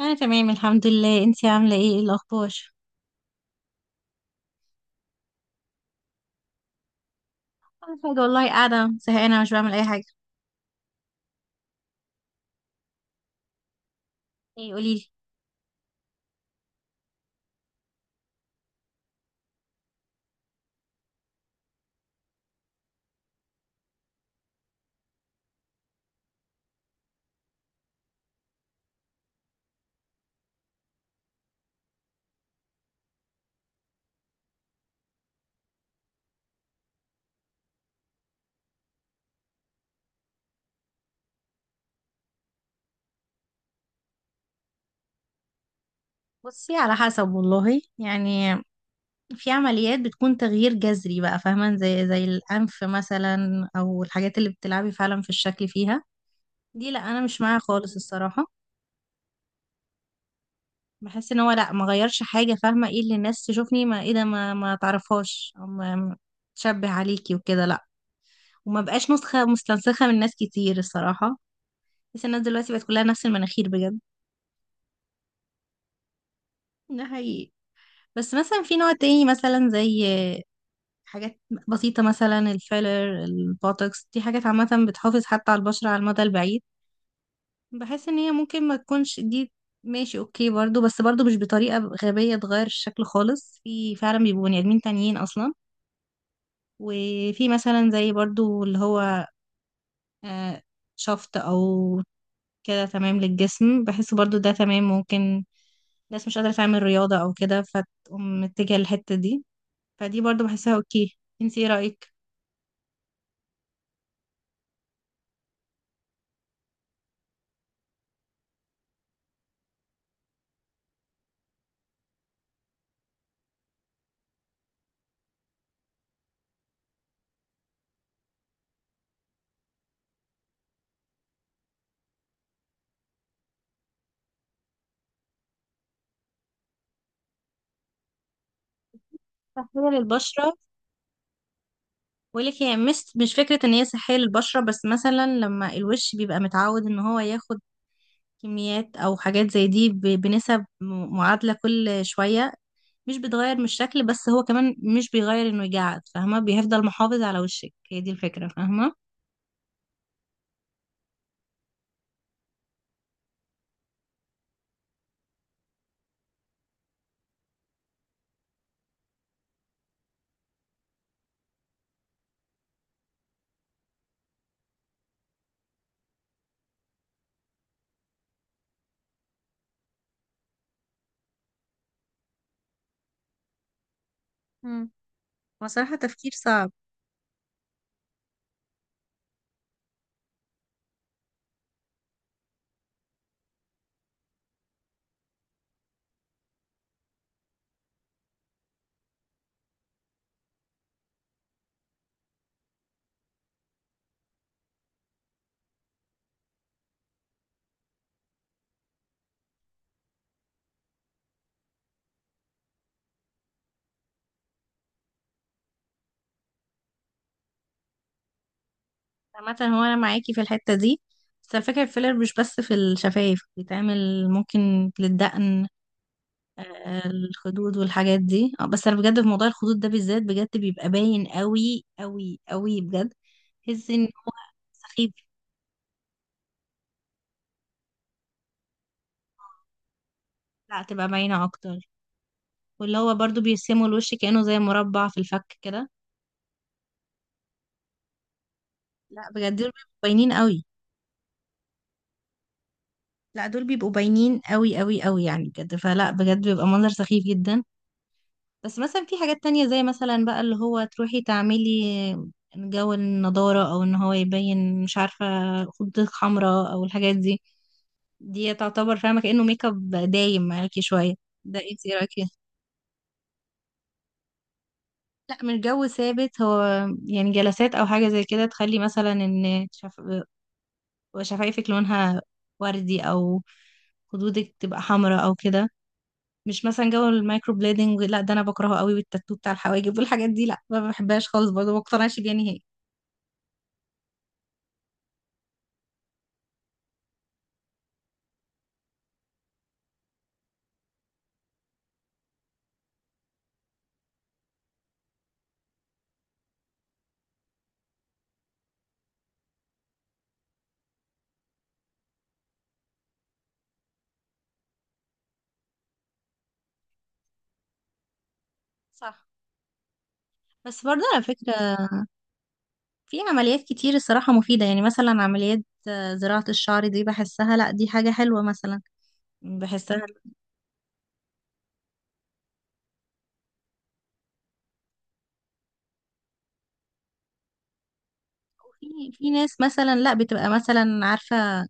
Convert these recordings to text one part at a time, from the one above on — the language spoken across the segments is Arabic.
انا تمام الحمد لله. انتي عامله ايه؟ إيه الاخبار؟ انا حاجه والله، قاعده زهقانه، مش بعمل اي حاجه. ايه؟ قوليلي. بصي، على حسب والله يعني. في عمليات بتكون تغيير جذري بقى، فاهمه، زي الانف مثلا او الحاجات اللي بتلعبي فعلا في الشكل فيها. دي، لا، انا مش معاها خالص الصراحه. بحس ان هو، لا، ما غيرش حاجه، فاهمه؟ ايه اللي الناس تشوفني، ما ايه ده، ما ما تعرفهاش او ما ما تشبه عليكي وكده، لا. وما بقاش نسخه مستنسخه من ناس كتير الصراحه. بس الناس دلوقتي بقت كلها نفس المناخير بجد. ده حقيقي. بس مثلا في نوع تاني، مثلا زي حاجات بسيطة مثلا الفيلر، البوتوكس، دي حاجات عامة بتحافظ حتى على البشرة على المدى البعيد. بحس ان هي ممكن ما تكونش دي ماشي، اوكي برضو، بس برضو مش بطريقة غبية تغير الشكل خالص. في فعلا بيبقوا بني ادمين تانيين اصلا. وفي مثلا زي برضو اللي هو آه، شفط او كده، تمام للجسم. بحس برضو ده تمام، ممكن ناس مش قادرة تعمل رياضة او كده فتقوم متجهة للحتة دي. فدي برضو بحسها اوكي. انت ايه رأيك؟ صحية للبشرة؟ بقول لك هي مش فكرة ان هي صحية للبشرة، بس مثلا لما الوش بيبقى متعود ان هو ياخد كميات او حاجات زي دي ب- بنسب م- معادلة كل شوية، مش بتغير من الشكل، بس هو كمان مش بيغير انه يجعد، فاهمة. بيفضل محافظ على وشك، هي دي الفكرة فاهمة. مم. هو صراحة تفكير صعب. عامة هو أنا معاكي في الحتة دي، بس الفكرة الفيلر مش بس في الشفايف بيتعمل، ممكن للدقن. الخدود والحاجات دي. بس انا بجد في موضوع الخدود ده بالذات بجد بيبقى باين قوي قوي قوي بجد. تحس ان هو سخيف. لا، تبقى باينه اكتر. واللي هو برضو بيرسموا الوش كأنه زي مربع في الفك كده. لا، بجد دول بيبقوا باينين قوي. لا، دول بيبقوا باينين قوي قوي قوي يعني بجد. فلا بجد بيبقى منظر سخيف جدا. بس مثلا في حاجات تانية، زي مثلا بقى اللي هو تروحي تعملي جو النضارة، او ان هو يبين، مش عارفة، خدودك حمراء او الحاجات دي. دي تعتبر فاهمة كأنه ميك اب دايم معاكي شوية. ده انت ايه رأيك فيه؟ لا، مش جو ثابت هو. يعني جلسات او حاجة زي كده تخلي مثلا ان شفايفك لونها وردي، او خدودك تبقى حمراء او كده. مش مثلا جو المايكرو بليدنج، لا، ده انا بكرهه قوي. والتاتو بتاع الحواجب والحاجات دي لا، ما بحبهاش خالص برضه، ما بقتنعش بيها نهائي. صح. بس برضه على فكرة، في عمليات كتير الصراحة مفيدة، يعني مثلا عمليات زراعة الشعر دي بحسها، لا، دي حاجة حلوة مثلا. بحسها. في في ناس مثلا لا بتبقى مثلا عارفة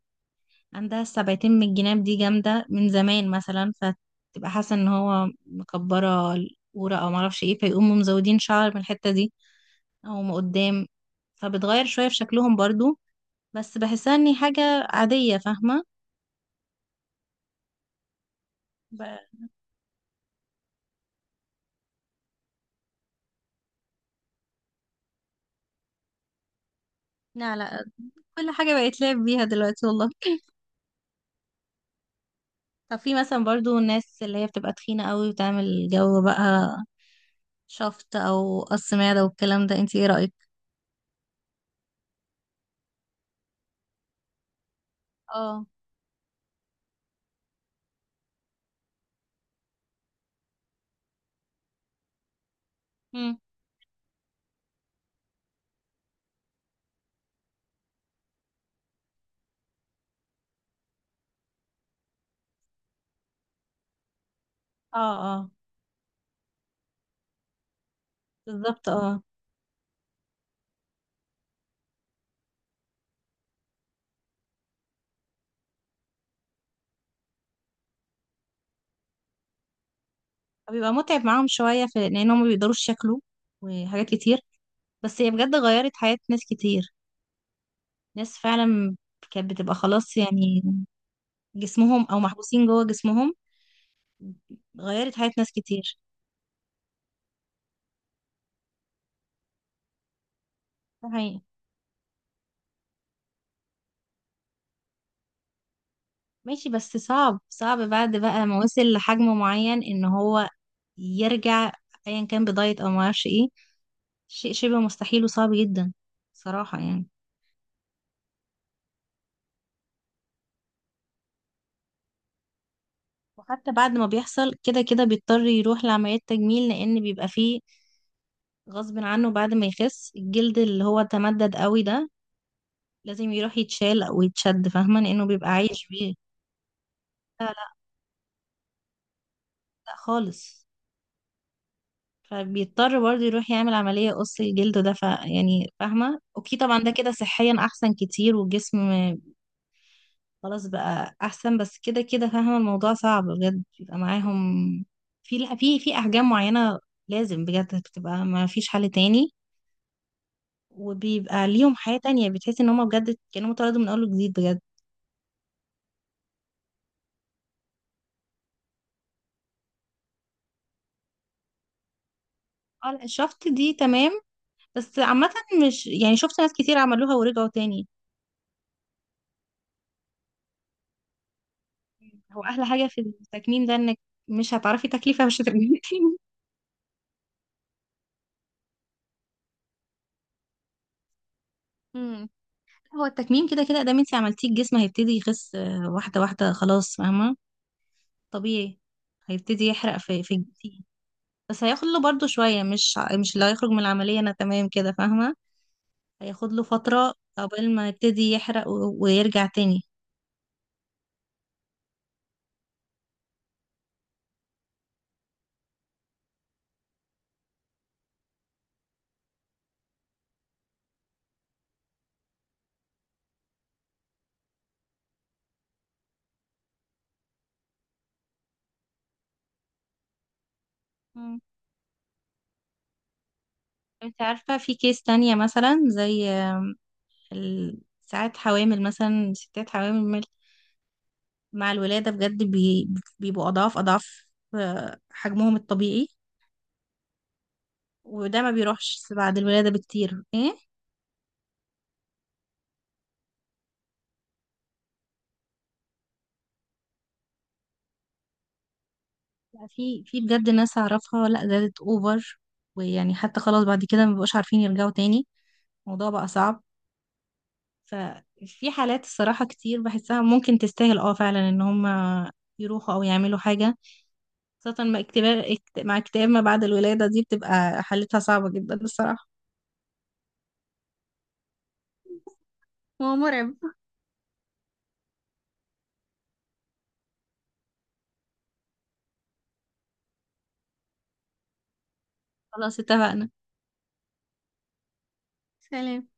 عندها السبعتين من الجناب دي جامدة من زمان مثلا، فتبقى حاسة ان هو مكبرة القورة او معرفش ايه، فيقوموا مزودين شعر من الحتة دي او من قدام. فبتغير شوية في شكلهم برضو. بس بحسها اني حاجة عادية فاهمة. ب- لا، لا، كل حاجة بقت لعب بيها دلوقتي والله. طب في مثلا برضو الناس اللي هي بتبقى تخينة قوي وتعمل جو بقى شفط او قص معدة والكلام ده، انت ايه رأيك؟ اه. مم. اه، اه. بالظبط، اه. فبيبقى متعب معاهم شوية، في لأن هم ما بيقدروش ياكلوا وحاجات كتير. بس هي بجد غيرت حياة ناس كتير، ناس فعلا كانت بتبقى خلاص يعني جسمهم، أو محبوسين جوه جسمهم. غيرت حياة ناس كتير. ده حقيقي. ماشي، بس صعب صعب بعد بقى ما وصل لحجم معين إن هو يرجع أيا كان بدايت أو معرفش إيه، شيء شبه مستحيل وصعب جدا صراحة يعني. وحتى بعد ما بيحصل كده كده بيضطر يروح لعمليات تجميل، لأن بيبقى فيه غصب عنه، بعد ما يخس الجلد اللي هو تمدد قوي ده لازم يروح يتشال او يتشد فاهمة، لانه بيبقى عايش بيه. لا، لا، لا خالص. فبيضطر برضه يروح يعمل عملية قص الجلد ده، ف يعني فاهمة، اوكي طبعا، ده كده صحيا احسن كتير والجسم. خلاص بقى احسن. بس كده كده فاهمة الموضوع صعب بجد بيبقى معاهم، في احجام معينة لازم بجد بتبقى، ما فيش حل تاني. وبيبقى ليهم حياة تانية بتحس ان هما بجد كانوا اتولدوا من اول وجديد بجد. اه، لا، شفت دي تمام. بس عامة، مش يعني، شفت ناس كتير عملوها ورجعوا تاني. هو أحلى حاجة في التكميم ده إنك مش هتعرفي تكلفة، مش هترجعي تاني. امم هو التكميم كده كده دام انت عملتيه، الجسم هيبتدي يخس واحدة واحدة خلاص فاهمة. طبيعي. هيبتدي يحرق في في الجسم. بس هياخد له برضه شوية، مش اللي هيخرج من العملية أنا تمام كده فاهمة. هياخد له فترة قبل ما يبتدي يحرق ويرجع تاني. مم. انت عارفة في كيس تانية مثلا زي ال- ساعات حوامل مثلا ستات حوامل مع الولادة بجد بيبقوا أضعاف أضعاف حجمهم الطبيعي. وده ما بيروحش بعد الولادة بكتير ايه. لا، في في بجد ناس أعرفها لا زادت أوفر. ويعني حتى خلاص بعد كده ما بيبقوش عارفين يرجعوا تاني. الموضوع بقى صعب. ففي حالات الصراحة كتير بحسها ممكن تستاهل، اه فعلا، ان هم يروحوا او يعملوا حاجة. خاصة مع اكتئاب ما بعد الولادة دي بتبقى حالتها صعبة جدا الصراحة. هو مرعب. خلاص اتفقنا. سلام.